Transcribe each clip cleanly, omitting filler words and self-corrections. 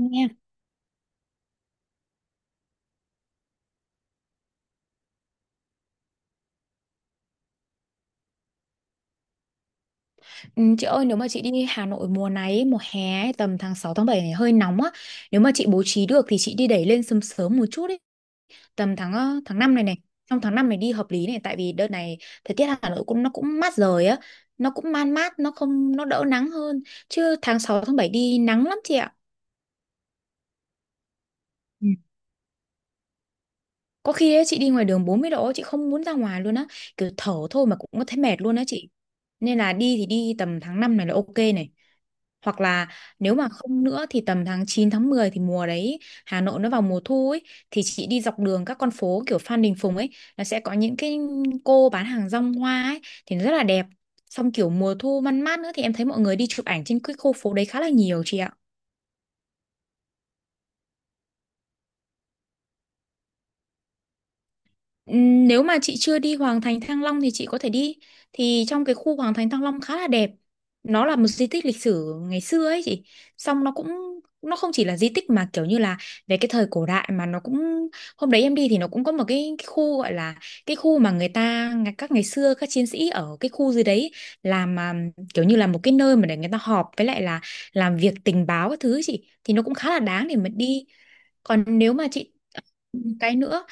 Nha. Ừ, chị ơi nếu mà chị đi Hà Nội mùa này ấy, mùa hè ấy, tầm tháng 6 tháng 7 này hơi nóng á, nếu mà chị bố trí được thì chị đi đẩy lên sớm sớm một chút ấy, tầm tháng 5 này này, trong tháng 5 này đi hợp lý này, tại vì đợt này thời tiết Hà Nội cũng nó cũng mát rồi á, nó cũng man mát, nó không nó đỡ nắng hơn chứ tháng 6 tháng 7 đi nắng lắm chị ạ. Ừ. Có khi ấy, chị đi ngoài đường 40 độ chị không muốn ra ngoài luôn á, kiểu thở thôi mà cũng có thấy mệt luôn á chị, nên là đi thì đi tầm tháng 5 này là ok này, hoặc là nếu mà không nữa thì tầm tháng 9 tháng 10 thì mùa đấy Hà Nội nó vào mùa thu ấy, thì chị đi dọc đường các con phố kiểu Phan Đình Phùng ấy, nó sẽ có những cái cô bán hàng rong hoa ấy, thì nó rất là đẹp, xong kiểu mùa thu man mát nữa thì em thấy mọi người đi chụp ảnh trên cái khu phố đấy khá là nhiều chị ạ. Nếu mà chị chưa đi Hoàng Thành Thăng Long thì chị có thể đi. Thì trong cái khu Hoàng Thành Thăng Long khá là đẹp. Nó là một di tích lịch sử ngày xưa ấy chị. Xong nó không chỉ là di tích mà kiểu như là về cái thời cổ đại mà nó cũng, hôm đấy em đi thì nó cũng có một cái khu gọi là cái khu mà người ta các ngày xưa các chiến sĩ ở cái khu dưới đấy làm mà, kiểu như là một cái nơi mà để người ta họp với lại là làm việc tình báo các thứ ấy chị, thì nó cũng khá là đáng để mà đi. Còn nếu mà chị cái nữa,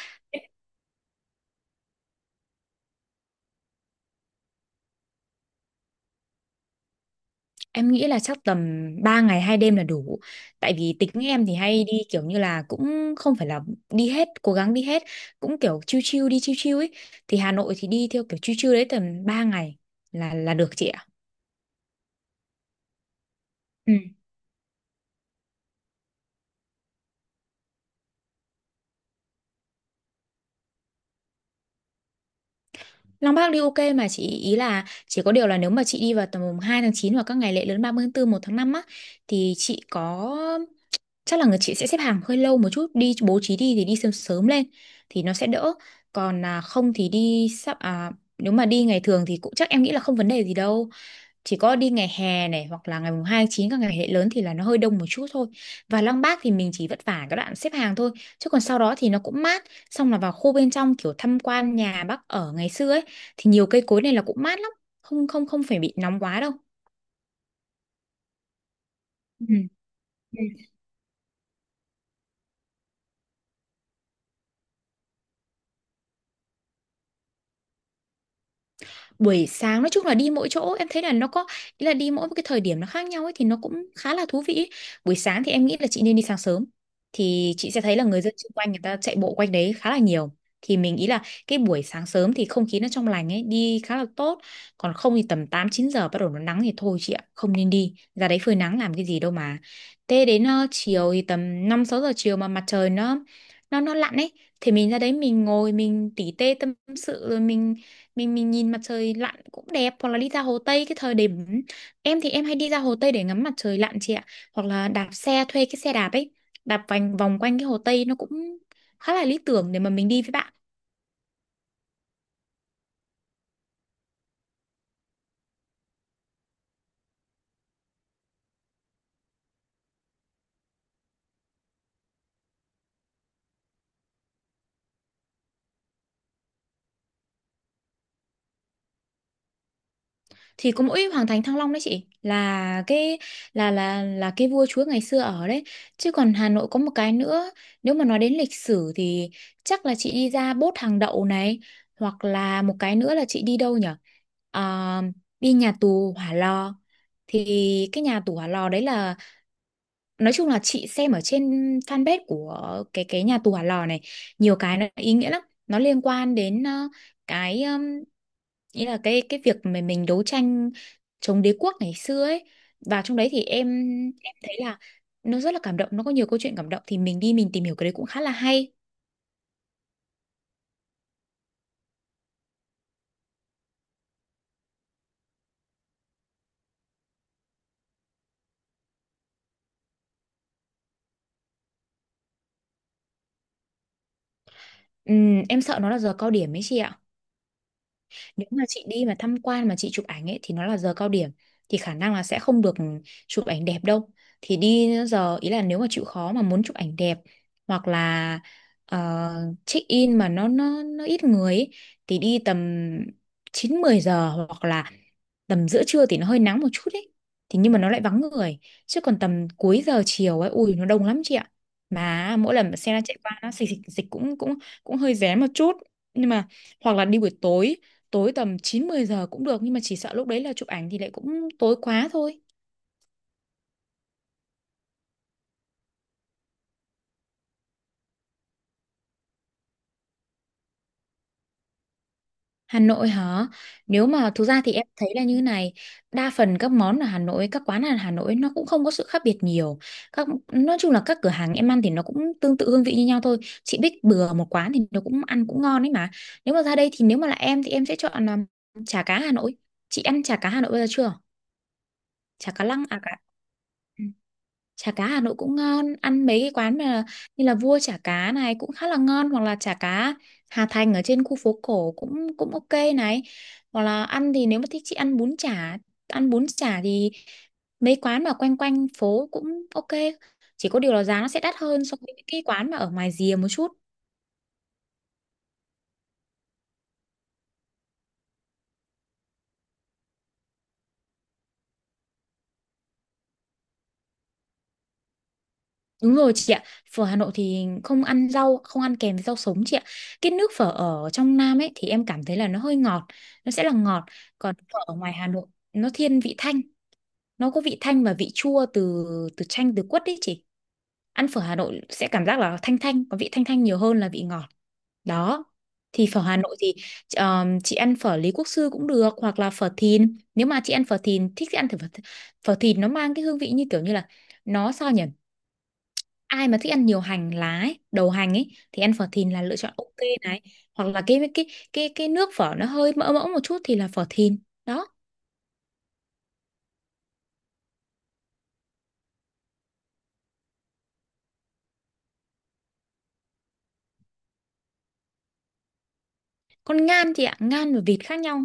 em nghĩ là chắc tầm 3 ngày 2 đêm là đủ. Tại vì tính em thì hay đi kiểu như là cũng không phải là đi hết, cố gắng đi hết, cũng kiểu chill chill đi chill chill ấy. Thì Hà Nội thì đi theo kiểu chill chill đấy tầm 3 ngày là được chị ạ. Ừ. Long Bác đi ok mà chị, ý là chỉ có điều là nếu mà chị đi vào tầm mùng 2 tháng chín hoặc các ngày lễ lớn 30 tháng 4 1 tháng 5 á, thì chị có, chắc là người chị sẽ xếp hàng hơi lâu một chút, đi bố trí đi thì đi sớm sớm lên thì nó sẽ đỡ, còn à, không thì đi sắp à, nếu mà đi ngày thường thì cũng chắc em nghĩ là không vấn đề gì đâu, chỉ có đi ngày hè này hoặc là ngày mùng 2 tháng 9 các ngày lễ lớn thì là nó hơi đông một chút thôi. Và Lăng Bác thì mình chỉ vất vả cái đoạn xếp hàng thôi, chứ còn sau đó thì nó cũng mát, xong là vào khu bên trong kiểu tham quan nhà bác ở ngày xưa ấy thì nhiều cây cối này là cũng mát lắm, không không không phải bị nóng quá đâu. Ừ. Buổi sáng nói chung là đi mỗi chỗ em thấy là nó có, ý là đi mỗi một cái thời điểm nó khác nhau ấy thì nó cũng khá là thú vị ấy. Buổi sáng thì em nghĩ là chị nên đi sáng sớm thì chị sẽ thấy là người dân xung quanh người ta chạy bộ quanh đấy khá là nhiều, thì mình nghĩ là cái buổi sáng sớm thì không khí nó trong lành ấy đi khá là tốt. Còn không thì tầm 8 9 giờ bắt đầu nó nắng thì thôi chị ạ, không nên đi ra đấy phơi nắng làm cái gì đâu mà. Thế đến chiều thì tầm 5 6 giờ chiều mà mặt trời nó lặn ấy, thì mình ra đấy mình ngồi mình tỉ tê tâm sự rồi mình nhìn mặt trời lặn cũng đẹp, hoặc là đi ra Hồ Tây cái thời điểm, em thì em hay đi ra Hồ Tây để ngắm mặt trời lặn chị ạ, hoặc là đạp xe thuê cái xe đạp ấy, đạp vành vòng quanh cái Hồ Tây nó cũng khá là lý tưởng để mà mình đi với bạn. Thì có mỗi Hoàng Thành Thăng Long đấy chị là cái, là cái vua chúa ngày xưa ở đấy. Chứ còn Hà Nội có một cái nữa, nếu mà nói đến lịch sử thì chắc là chị đi ra Bốt Hàng Đậu này, hoặc là một cái nữa là chị đi đâu nhở. Ờ, Đi nhà tù Hỏa Lò, thì cái nhà tù Hỏa Lò đấy là, nói chung là chị xem ở trên fanpage của cái nhà tù Hỏa Lò này, nhiều cái nó ý nghĩa lắm, nó liên quan đến cái, nghĩa là cái việc mà mình đấu tranh chống đế quốc ngày xưa ấy, và trong đấy thì em thấy là nó rất là cảm động, nó có nhiều câu chuyện cảm động thì mình đi mình tìm hiểu cái đấy cũng khá là hay. Em sợ nó là giờ cao điểm ấy chị ạ. Nếu mà chị đi mà tham quan mà chị chụp ảnh ấy thì nó là giờ cao điểm thì khả năng là sẽ không được chụp ảnh đẹp đâu. Thì đi giờ ý là nếu mà chịu khó mà muốn chụp ảnh đẹp, hoặc là check in mà nó ít người ấy, thì đi tầm 9 10 giờ hoặc là tầm giữa trưa thì nó hơi nắng một chút ấy, thì nhưng mà nó lại vắng người, chứ còn tầm cuối giờ chiều ấy ui nó đông lắm chị ạ, mà mỗi lần mà xe nó chạy qua nó xịch xịch xịch cũng cũng cũng hơi rén một chút, nhưng mà hoặc là đi buổi tối, tối tầm 9 10 giờ cũng được nhưng mà chỉ sợ lúc đấy là chụp ảnh thì lại cũng tối quá thôi. Hà Nội hả? Nếu mà thực ra thì em thấy là như thế này, đa phần các món ở Hà Nội, các quán ở Hà Nội nó cũng không có sự khác biệt nhiều. Các nói chung là các cửa hàng em ăn thì nó cũng tương tự hương vị như nhau thôi. Chị Bích bừa một quán thì nó cũng ăn cũng ngon ấy mà. Nếu mà ra đây thì nếu mà là em thì em sẽ chọn chả cá Hà Nội. Chị ăn chả cá Hà Nội bây giờ chưa? Chả cá lăng à cả, ừ. Chả cá Hà Nội cũng ngon, ăn mấy cái quán mà như là Vua chả cá này cũng khá là ngon, hoặc là chả cá Hà Thành ở trên khu phố cổ cũng cũng ok này, hoặc là ăn thì nếu mà thích chị ăn bún chả. Ăn bún chả thì mấy quán mà quanh quanh phố cũng ok, chỉ có điều là giá nó sẽ đắt hơn so với những cái quán mà ở ngoài rìa một chút. Đúng rồi chị ạ, phở Hà Nội thì không ăn rau, không ăn kèm với rau sống chị ạ. Cái nước phở ở trong Nam ấy thì em cảm thấy là nó hơi ngọt, nó sẽ là ngọt. Còn phở ở ngoài Hà Nội nó thiên vị thanh, nó có vị thanh và vị chua từ từ chanh từ quất đấy chị. Ăn phở Hà Nội sẽ cảm giác là thanh thanh, có vị thanh thanh nhiều hơn là vị ngọt. Đó. Thì phở Hà Nội thì chị ăn phở Lý Quốc Sư cũng được hoặc là phở Thìn. Nếu mà chị ăn phở Thìn thích thì ăn thử phở Thìn nó mang cái hương vị như kiểu như là nó sao nhỉ? Ai mà thích ăn nhiều hành lá ấy, đầu hành ấy thì ăn phở thìn là lựa chọn ok này, hoặc là cái nước phở nó hơi mỡ mỡ một chút thì là phở thìn đó. Còn ngan thì ạ, ngan và vịt khác nhau,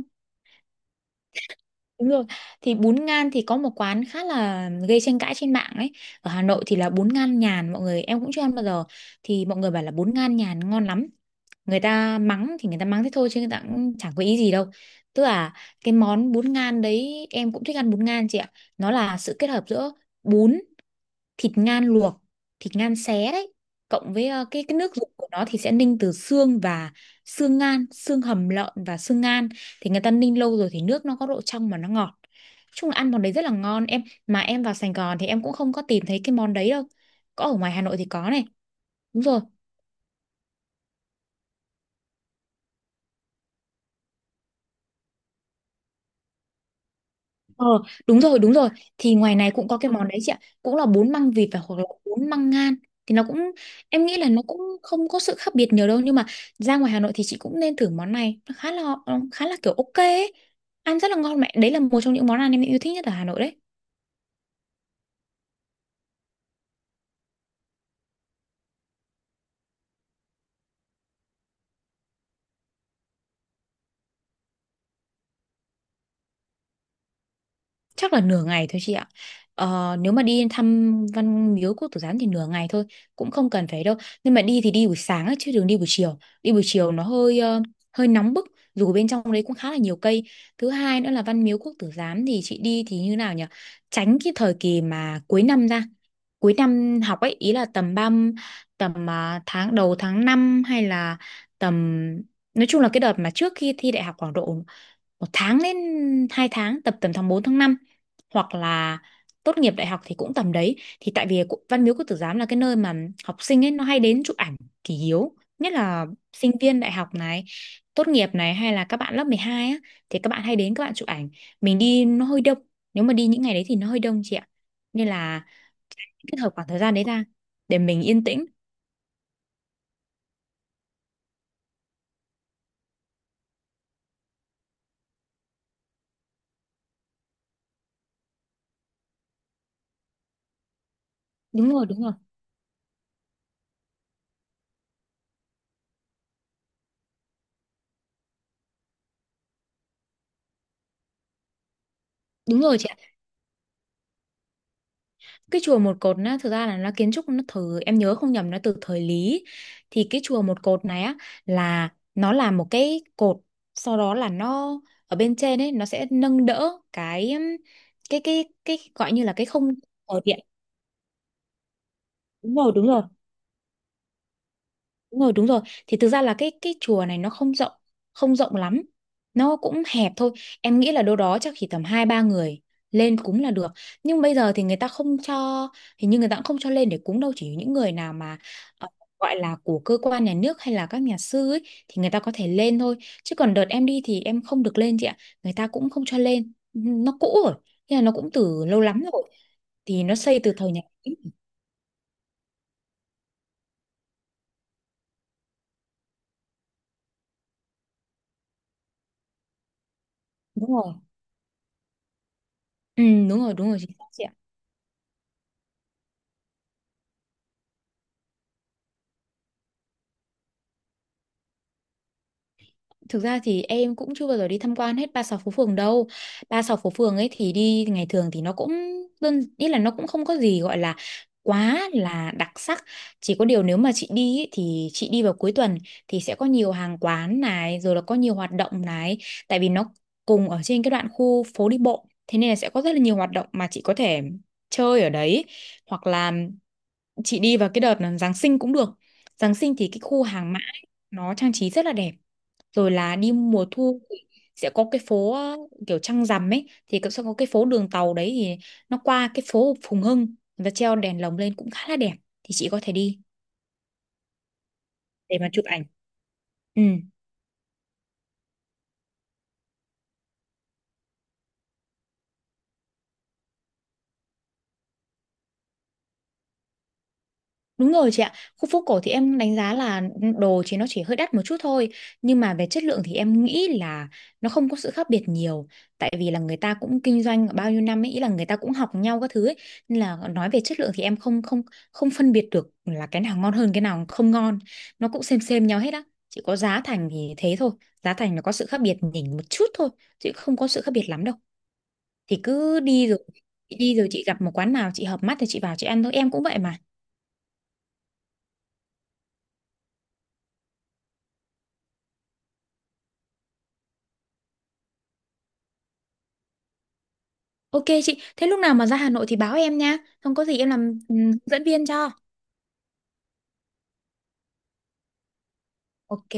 đúng rồi. Thì bún ngan thì có một quán khá là gây tranh cãi trên mạng ấy ở Hà Nội, thì là bún ngan nhàn, mọi người em cũng chưa ăn bao giờ. Thì mọi người bảo là bún ngan nhàn ngon lắm, người ta mắng thì người ta mắng thế thôi chứ người ta cũng chẳng có ý gì đâu. Tức là cái món bún ngan đấy, em cũng thích ăn bún ngan chị ạ. Nó là sự kết hợp giữa bún, thịt ngan luộc, thịt ngan xé đấy, cộng với cái nước dùng của nó thì sẽ ninh từ xương và xương ngan, xương hầm lợn và xương ngan. Thì người ta ninh lâu rồi thì nước nó có độ trong mà nó ngọt. Chung là ăn món đấy rất là ngon, em mà em vào Sài Gòn thì em cũng không có tìm thấy cái món đấy đâu, có ở ngoài Hà Nội thì có này. Đúng rồi. Ờ, đúng rồi, đúng rồi. Thì ngoài này cũng có cái, ừ, món đấy chị ạ. Cũng là bún măng vịt và hoặc là bún măng ngan. Thì nó cũng, em nghĩ là nó cũng không có sự khác biệt nhiều đâu. Nhưng mà ra ngoài Hà Nội thì chị cũng nên thử món này. Nó khá là kiểu ok ấy. Ăn rất là ngon mẹ. Đấy là một trong những món ăn em yêu thích nhất ở Hà Nội đấy. Chắc là nửa ngày thôi chị ạ. Nếu mà đi thăm Văn Miếu Quốc Tử Giám thì nửa ngày thôi, cũng không cần phải đâu. Nhưng mà đi thì đi buổi sáng á, chứ đừng đi buổi chiều. Đi buổi chiều nó hơi hơi nóng bức, dù bên trong đấy cũng khá là nhiều cây. Thứ hai nữa là Văn Miếu Quốc Tử Giám thì chị đi thì như nào nhỉ, tránh cái thời kỳ mà cuối năm, ra cuối năm học ấy, ý là tầm ba, tầm, à, tháng đầu tháng 5 hay là tầm, nói chung là cái đợt mà trước khi thi đại học khoảng độ 1 tháng đến 2 tháng, tầm tầm tháng 4 tháng 5, hoặc là tốt nghiệp đại học thì cũng tầm đấy. Thì tại vì Văn Miếu Quốc Tử Giám là cái nơi mà học sinh ấy nó hay đến chụp ảnh kỷ yếu, nhất là sinh viên đại học này, tốt nghiệp này, hay là các bạn lớp 12 á, thì các bạn hay đến, các bạn chụp ảnh, mình đi nó hơi đông. Nếu mà đi những ngày đấy thì nó hơi đông chị ạ, nên là kết hợp khoảng thời gian đấy ra để mình yên tĩnh. Đúng rồi, đúng rồi. Đúng rồi chị ạ, cái chùa một cột á thực ra là nó kiến trúc, nó từ em nhớ không nhầm nó từ thời Lý. Thì cái chùa một cột này á, là nó là một cái cột, sau đó là nó ở bên trên ấy nó sẽ nâng đỡ cái gọi như là cái không, ở điện. Đúng rồi, đúng rồi. Đúng rồi, đúng rồi. Thì thực ra là cái chùa này nó không rộng, không rộng lắm. Nó cũng hẹp thôi. Em nghĩ là đâu đó chắc chỉ tầm 2 3 người lên cúng là được. Nhưng bây giờ thì người ta không cho, hình như người ta cũng không cho lên để cúng đâu, chỉ những người nào mà ờ, gọi là của cơ quan nhà nước hay là các nhà sư ấy thì người ta có thể lên thôi. Chứ còn đợt em đi thì em không được lên chị ạ. Người ta cũng không cho lên. Nó cũ rồi. Thế là nó cũng từ lâu lắm rồi. Thì nó xây từ thời nhà Nguyễn. Đúng rồi. Ừ, đúng rồi, chính xác chị ạ. Thực ra thì em cũng chưa bao giờ đi tham quan hết ba sáu phố phường đâu. Ba sáu phố phường ấy thì đi ngày thường thì nó cũng đơn, ý là nó cũng không có gì gọi là quá là đặc sắc. Chỉ có điều nếu mà chị đi ấy, thì chị đi vào cuối tuần thì sẽ có nhiều hàng quán này, rồi là có nhiều hoạt động này, tại vì nó cùng ở trên cái đoạn khu phố đi bộ. Thế nên là sẽ có rất là nhiều hoạt động mà chị có thể chơi ở đấy, hoặc là chị đi vào cái đợt là Giáng sinh cũng được. Giáng sinh thì cái khu hàng mã ấy nó trang trí rất là đẹp, rồi là đi mùa thu thì sẽ có cái phố kiểu trăng rằm ấy, thì cũng sẽ có cái phố đường tàu đấy, thì nó qua cái phố Phùng Hưng và treo đèn lồng lên cũng khá là đẹp, thì chị có thể đi để mà chụp ảnh. Ừ. Đúng rồi chị ạ, khu phố cổ thì em đánh giá là, ừ, đồ thì nó chỉ hơi đắt một chút thôi, nhưng mà về chất lượng thì em nghĩ là nó không có sự khác biệt nhiều, tại vì là người ta cũng kinh doanh bao nhiêu năm ấy, ý là người ta cũng học nhau các thứ ấy, nên là nói về chất lượng thì em không không không phân biệt được là cái nào ngon hơn cái nào không ngon, nó cũng xem nhau hết á, chỉ có giá thành thì thế thôi, giá thành nó có sự khác biệt nhỉnh một chút thôi, chứ không có sự khác biệt lắm đâu. Thì cứ đi rồi, đi rồi chị gặp một quán nào chị hợp mắt thì chị vào chị ăn thôi, em cũng vậy mà. Ok chị, thế lúc nào mà ra Hà Nội thì báo em nha. Không có gì em làm, ừ, dẫn viên cho. Ok.